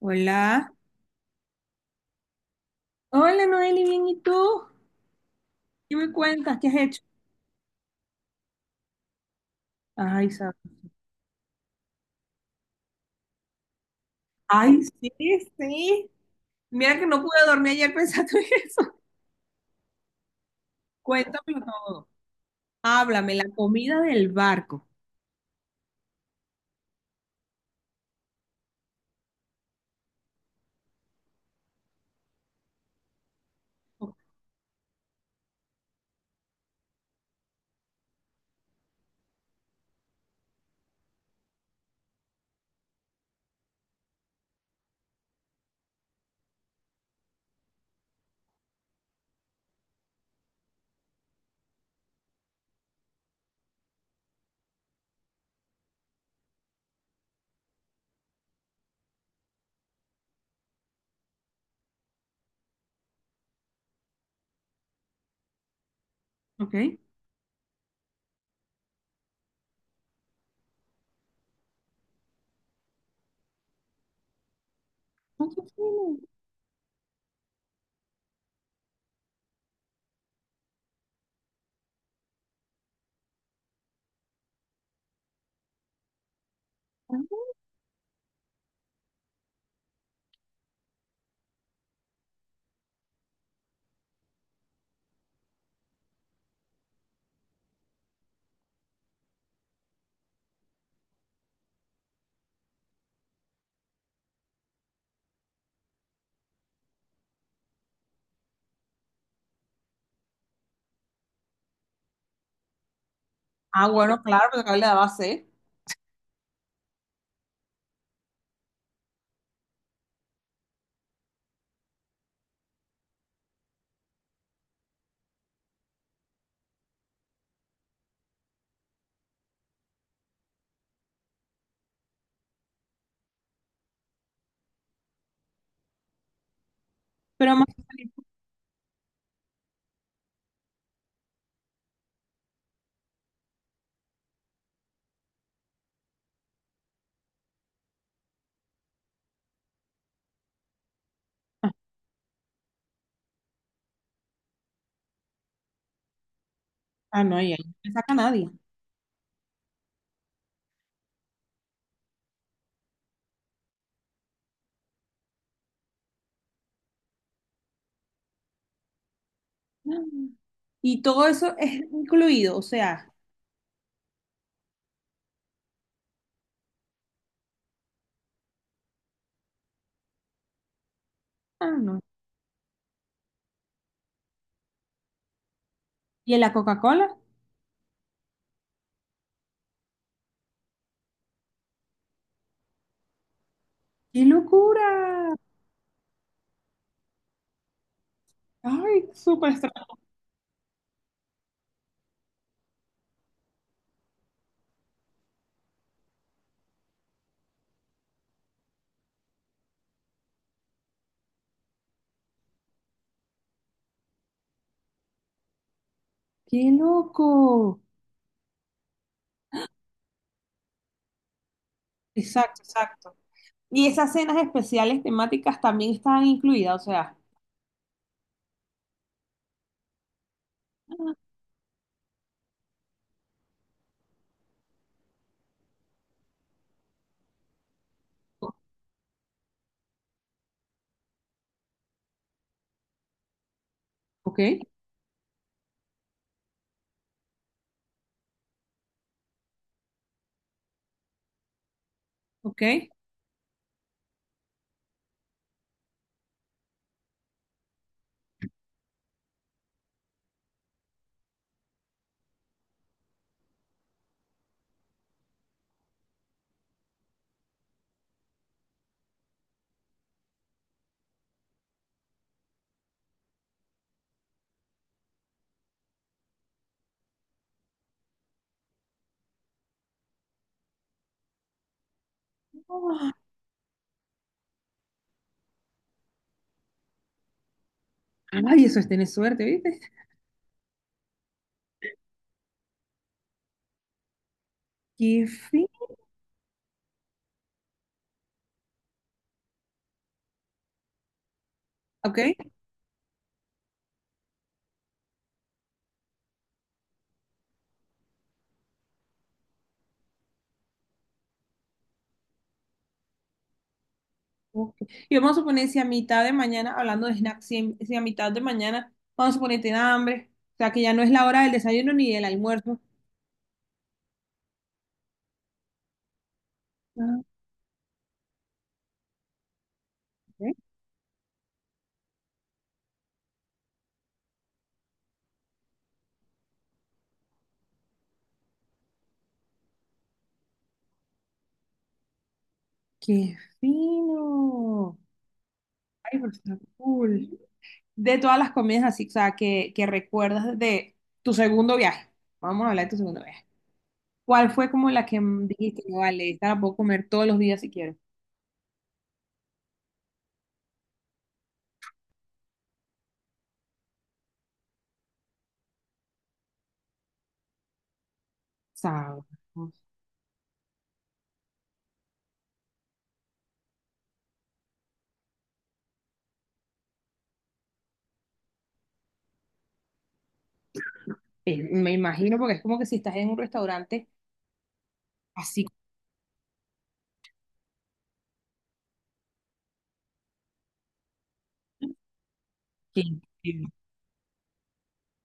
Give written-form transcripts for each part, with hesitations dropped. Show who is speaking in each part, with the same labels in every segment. Speaker 1: Hola, Hola Noeli, bien, ¿y tú? ¿Qué me cuentas? ¿Qué has hecho? Ay, sabes. Ay, sí, sí. Mira que no pude dormir ayer pensando en eso. Cuéntamelo todo. Háblame, la comida del barco. O- Ok. Ay, qué fino. Ah, bueno, claro, pero acá le daba sed. Pero más. Ah, no, ya no me saca nadie. Y todo eso es incluido, o sea. Ah, no. ¿Y en la Coca-Cola? ¡Qué locura! Ay, súper extraño. ¡Qué loco! Exacto, exacto. Y esas cenas especiales temáticas también estaban incluidas, o sea. Ok, ok. ¡Ah! Ay, eso es tener suerte, ¿viste? Qué fin. Ok. Ok. Y vamos a suponer si a mitad de mañana, hablando de snacks, si a mitad de mañana, vamos a suponer tiene hambre, o sea que ya no es la hora del desayuno ni del almuerzo. Ah, ok. ¡Qué fino! Ay, pero está cool. De todas las comidas así, o sea, que recuerdas de tu segundo viaje. Vamos a hablar de tu segundo viaje. ¿Cuál fue como la que dijiste, "No, vale, esta la puedo comer todos los días si quiero? Sabes. Me imagino, porque es como que si estás en un restaurante así, que- que-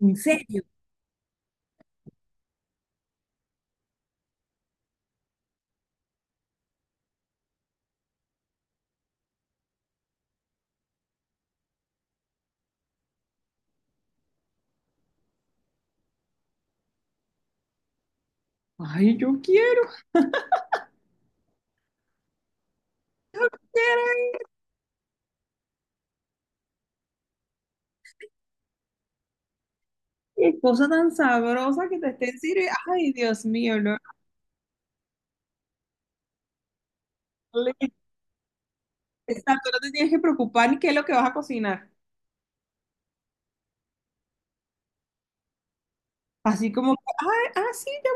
Speaker 1: ¿en serio? Ay, yo quiero, quiero, qué cosa tan sabrosa que te estén sirviendo. Ay, Dios mío, no. Vale". Exacto, no te tienes que preocupar ni qué es lo que vas a cocinar. Así como, que, ay, ah, sí, ya.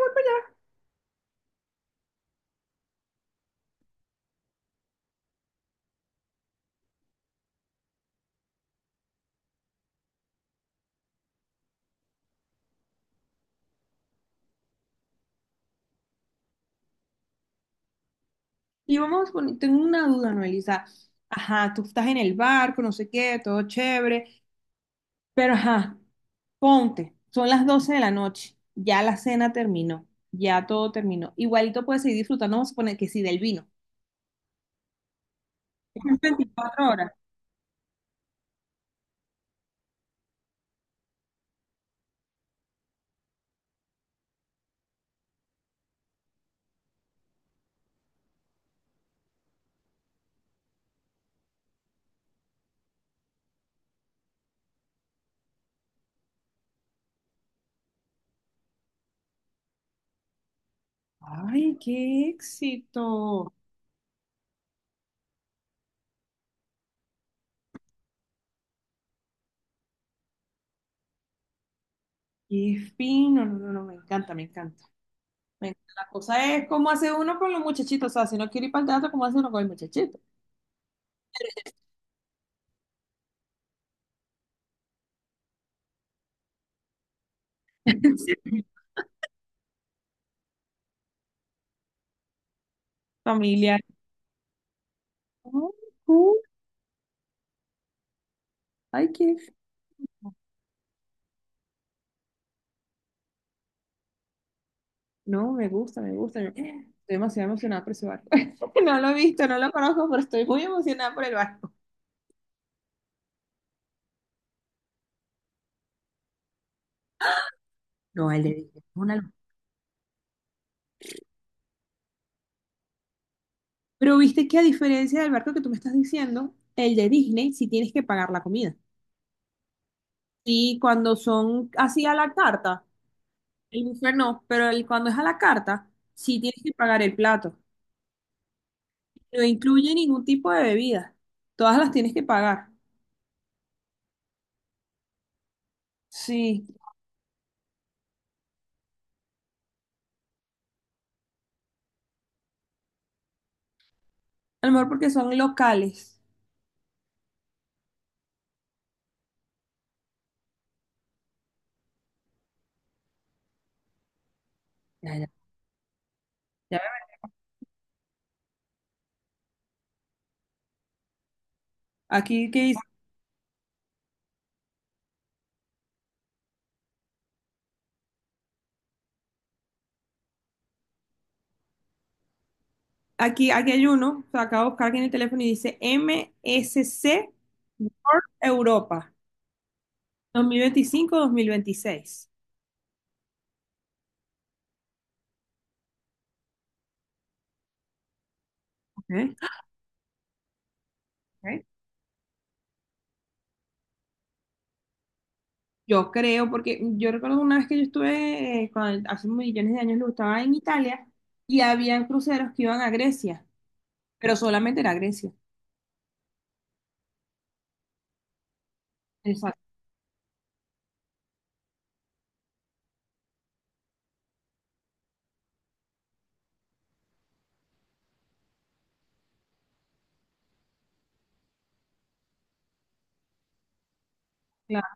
Speaker 1: Y vamos a poner, tengo una duda, Noelisa. Ajá, tú estás en el barco, no sé qué, todo chévere. Pero ajá, ponte, son las 12 de la noche, ya la cena terminó, ya todo terminó. Igualito puedes seguir disfrutando, vamos a suponer que sí, del vino. Son 24 horas. Ay, qué éxito, qué fino, no, no, no, me encanta, me encanta. Me encanta. La cosa es cómo hace uno con los muchachitos, o sea, si no quiere ir para el teatro, ¿cómo hace uno con el muchachito? Sí. Familiar. Ay, cool. Ay, qué. No, me gusta, me gusta. Estoy demasiado emocionada por ese bar. No lo he visto, no lo conozco, pero estoy muy emocionada por el bar. No, el de Disney. Es una locura. Pero viste que a diferencia del barco que tú me estás diciendo, el de Disney sí tienes que pagar la comida. Y cuando son así a la carta, el buffet no, pero cuando es a la carta, sí tienes que pagar el plato. No incluye ningún tipo de bebida. Todas las tienes que pagar. Sí, a lo mejor porque son locales. Ya, ya. Ya veo. Aquí, que dice- aquí hay uno, o sea, acabo de buscar aquí en el teléfono y dice MSC Europa 2025-2026. Ok. Ok. Yo creo, porque yo recuerdo una vez que yo estuve, hace millones de años, lo estaba en Italia y habían cruceros que iban a Grecia, pero solamente era Grecia. Exacto, claro.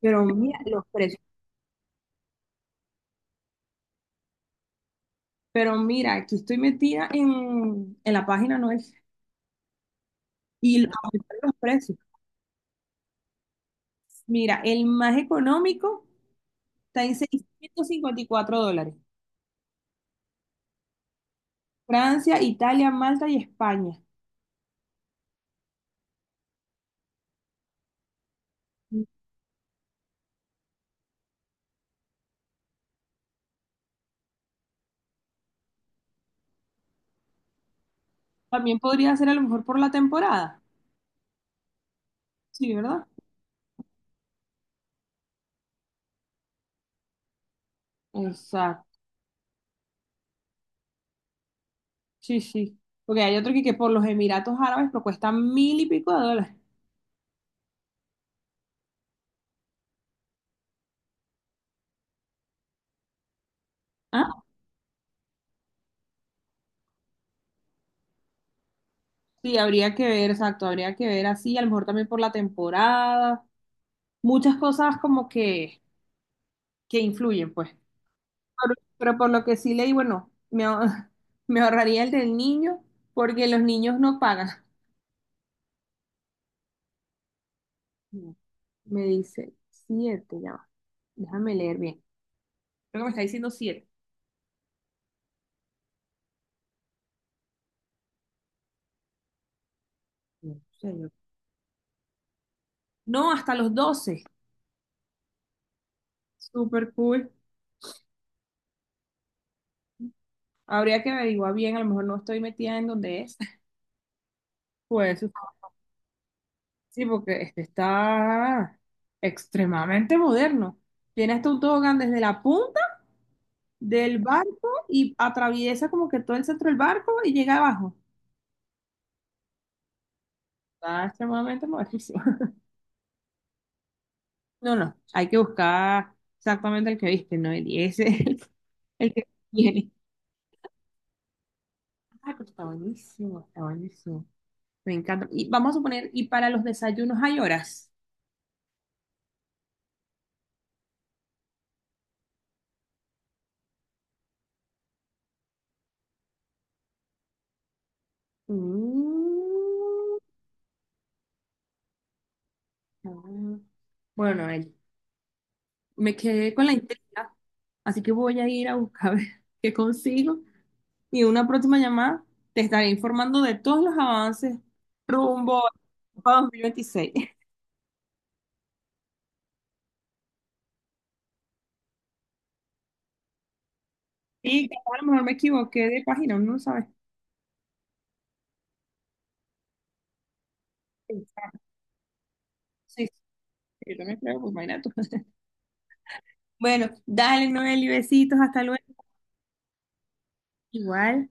Speaker 1: Pero mira los precios. Pero mira, aquí estoy metida en la página, ¿no es? Y aumentaron los precios. Mira, el más económico está en 654 dólares. Francia, Italia, Malta y España. También podría ser a lo mejor por la temporada. Sí, ¿verdad? Exacto. Sí, sí. Porque hay otro que por los Emiratos Árabes pero cuesta mil y pico de dólares. Ah, sí, habría que ver, exacto, habría que ver así, a lo mejor también por la temporada, muchas cosas como que, influyen, pues. Pero por lo que sí leí, bueno, me ahorraría el del niño, porque los niños no pagan. No, me dice siete, ya va. Déjame leer bien. Creo que me está diciendo siete. No, sé, no, hasta los 12. Súper cool. Habría que averiguar bien, a lo mejor no estoy metida en donde es. Pues sí, porque este está extremadamente moderno. Tiene hasta un tobogán desde la punta del barco y atraviesa como que todo el centro del barco y llega abajo. Está extremadamente modernísimo. No, no, hay que buscar exactamente el que viste, ¿no? Y ese es el que tiene. Ah, pero está buenísimo, está buenísimo. Me encanta. Y vamos a suponer, ¿y para los desayunos hay horas? Mm. Ah, bueno, Noel, me quedé con la intriga, así que voy a ir a buscar a ver qué consigo y en una próxima llamada te estaré informando de todos los avances rumbo a 2026. Y capaz a lo mejor me equivoqué de página, uno no sabe. Sí, sí, yo también creo, pues imagínate tú. Bueno, dale, Noel, y besitos, hasta luego. Igual.